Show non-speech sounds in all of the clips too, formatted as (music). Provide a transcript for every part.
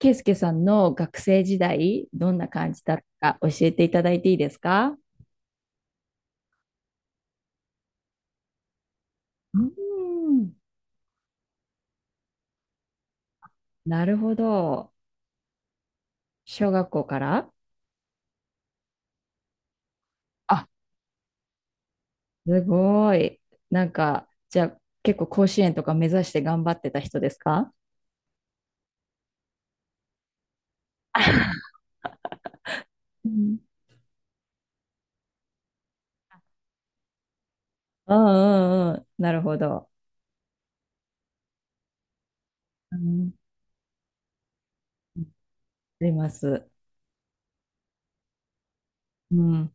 ケイスケさんの学生時代、どんな感じだったか教えていただいていいですか？うーん。なるほど。小学校から。あ、すごい。なんか、じゃあ結構甲子園とか目指して頑張ってた人ですか？うん (laughs) うんうんうん。なるほど。うん。あります。うん。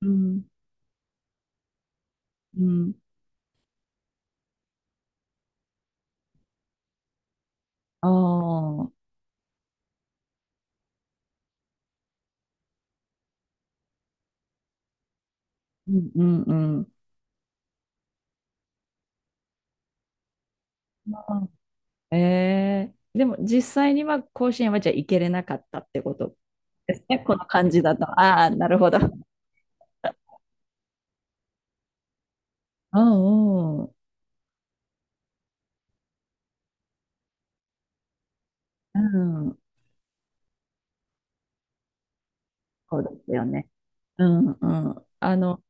うんうん。ああ。うんうんうん。あーでも実際には甲子園はじゃあ行けれなかったってことですね。この感じだと。ああ、なるほど。うんうん。うん。そうですよね。うんうん。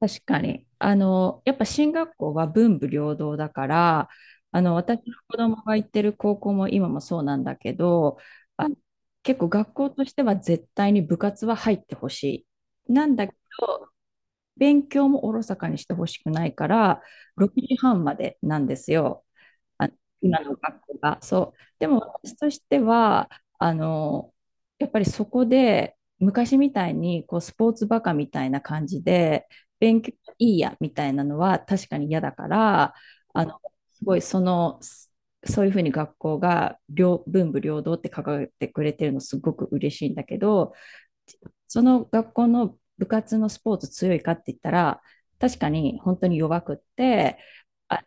確かに。やっぱ進学校は文武両道だから、私の子供が行ってる高校も今もそうなんだけど、あ、結構学校としては絶対に部活は入ってほしい。なんだけど、勉強もおろそかにしてほしくないから、6時半までなんですよ。あ、今の学校が。そう。でも私としては、あの、やっぱりそこで、昔みたいにこうスポーツバカみたいな感じで、勉強いいやみたいなのは確かに嫌だから、あの、すごいそういうふうに学校が両文武両道って掲げてくれてるのすごく嬉しいんだけど、その学校の部活のスポーツ強いかって言ったら、確かに本当に弱くって、あ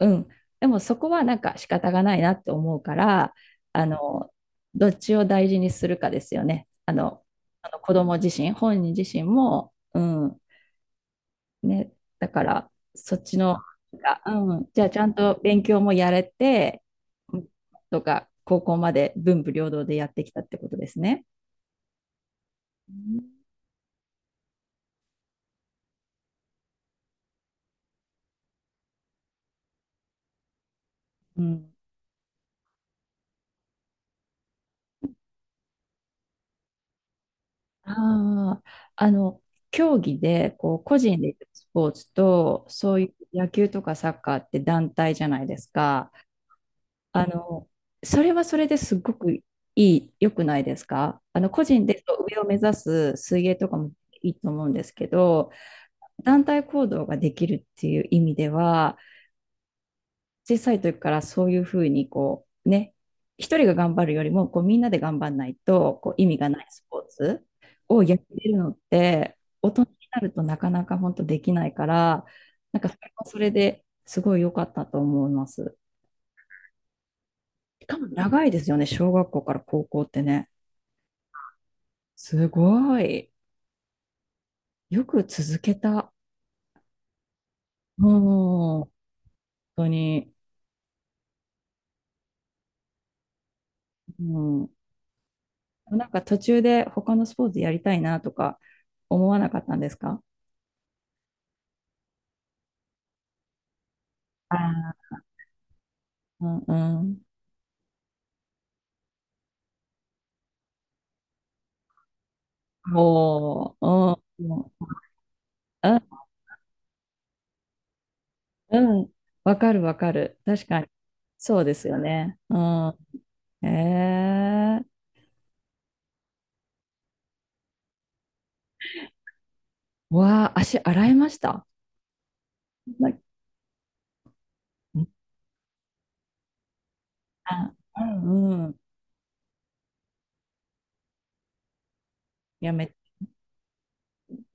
うん。でもそこはなんか仕方がないなって思うから、あの、どっちを大事にするかですよね。あの子供自身、本人自身も、うん、ね、だからそっちの、がうん、じゃあちゃんと勉強もやれて、うんとか、高校まで文武両道でやってきたってことですね。うん。うん。ああ、あの、競技で、個人でやるスポーツと、そういう野球とかサッカーって団体じゃないですか。あの、それはそれですごく良くないですか？個人で上を目指す水泳とかもいいと思うんですけど、団体行動ができるっていう意味では、小さい時からそういうふうにこうね、一人が頑張るよりもこうみんなで頑張んないとこう意味がないスポーツをやってるのって大人になるとなかなか本当できないから、なんかそれはそれですごい良かったと思います。しかも長いですよね、小学校から高校ってね。すごい。よく続けた。うん、本当に。うん。なんか途中で他のスポーツやりたいなとか思わなかったんですか？あうんうん。おー、うん、うん、うん。わかるわかる。確かに。そうですよね。うん。ええー。わあ、足洗いましたな。あ、うん、うん。やめて、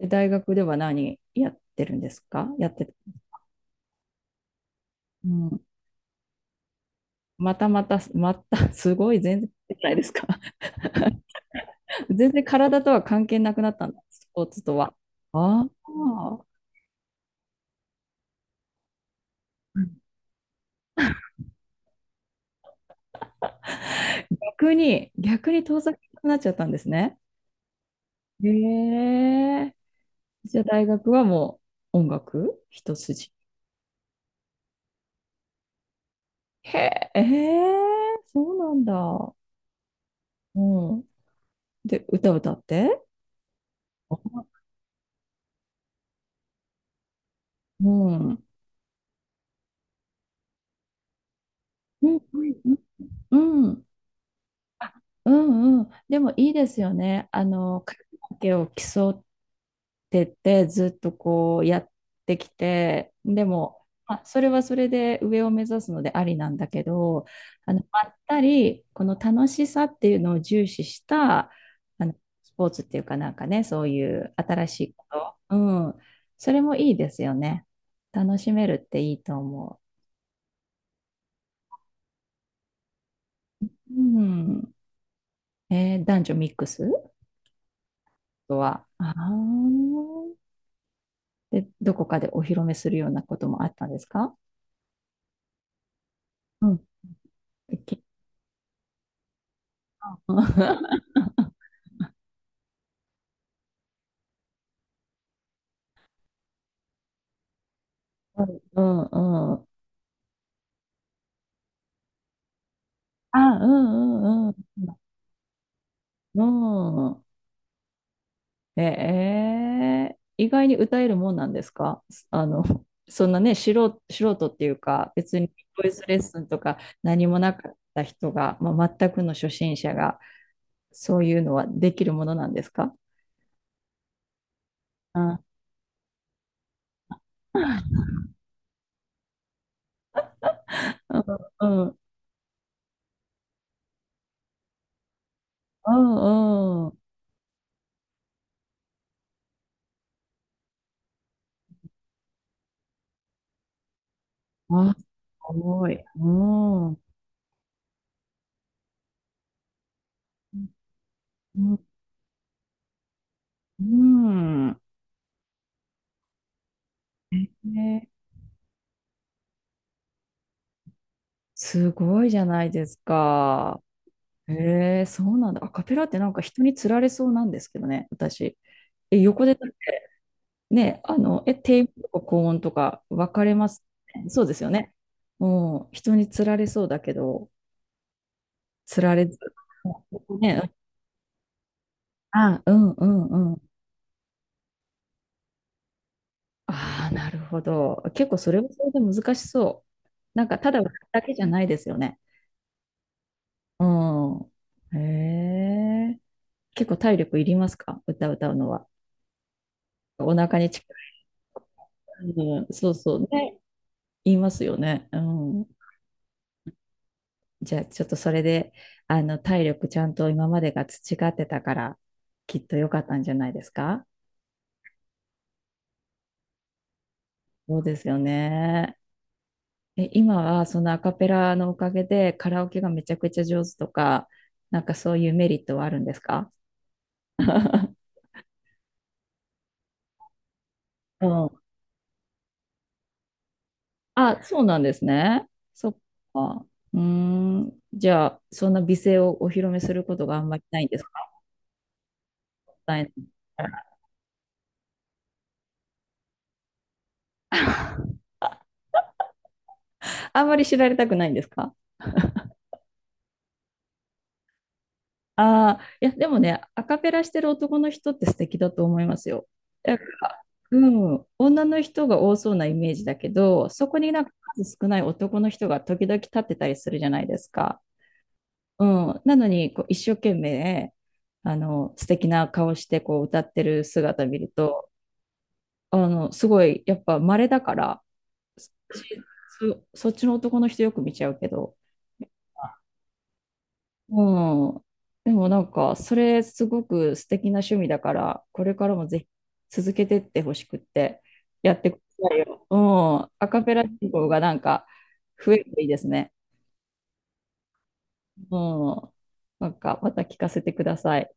大学では何やってるんですか？やってた、うん。またまた、また、(laughs) すごい、全然じゃないですか。(laughs) 全然体とは関係なくなったんだ、スポーツとは。ああ、逆に遠ざけなくなっちゃったんですね。へえ。じゃあ大学はもう音楽一筋。へえ、ええ、そうなんだ。うん。で、歌歌って？あうん。うん、うん、うん、うん、うん。でもいいですよね。カラオケを競うてってずっとこうやってきて、でも、まあ、それはそれで上を目指すのでありなんだけど、まったり、この楽しさっていうのを重視した、あの、スポーツっていうかなんかね、そういう新しいこと。うん。それもいいですよね。楽しめるっていいと思う。うん。えー、男女ミックスとは。あー、で、どこかでお披露目するようなこともあったんですか？うん。き (laughs) うんうんうん。あ、うんうんうん。うん。ええ、意外に歌えるもんなんですか？あの、そんなね、素人、素人っていうか、別にボイスレッスンとか何もなかった人が、まあ、全くの初心者が、そういうのはできるものなんですか？うん。うんうんうんうん。あ、すごい。うん。うん。うん。ね、すごいじゃないですか。へえ、そうなんだ。アカペラってなんか人につられそうなんですけどね、私。え、横でだってね、え、低音とか高音とか分かれますね。そうですよね。もう人につられそうだけど、つられず。ね、あ、うんうんうん。ああ、なるほど。結構それはそれで難しそう。なんかただ歌うだけじゃないですよね。うん。へえ。結構体力いりますか？歌歌うのは。お腹に力。うん、そうそう。ね、言いますよね。うん。じゃあ、ちょっとそれで、体力ちゃんと今までが培ってたから、きっと良かったんじゃないですか？そうですよね。え、今はそのアカペラのおかげでカラオケがめちゃくちゃ上手とか、なんかそういうメリットはあるんですか？ (laughs) うん。あ、そうなんですね。そっか。うーん。じゃあ、そんな美声をお披露目することがあんまりないんですか？ない (laughs) あんまり知られたくないんですか？ああ、いや、でもね、アカペラしてる男の人って素敵だと思いますよ。なんか、うん、女の人が多そうなイメージだけど、そこになんか数少ない男の人が時々立ってたりするじゃないですか。うん、なのにこう一生懸命あの素敵な顔してこう歌ってる姿見るとすごいやっぱ稀だからそっちの男の人よく見ちゃうけど。うん。でもなんか、それすごく素敵な趣味だから、これからもぜひ続けてってほしくって、やってくださいよ。うん。アカペラ人口がなんか増えるといいですね。うん。なんか、また聞かせてください。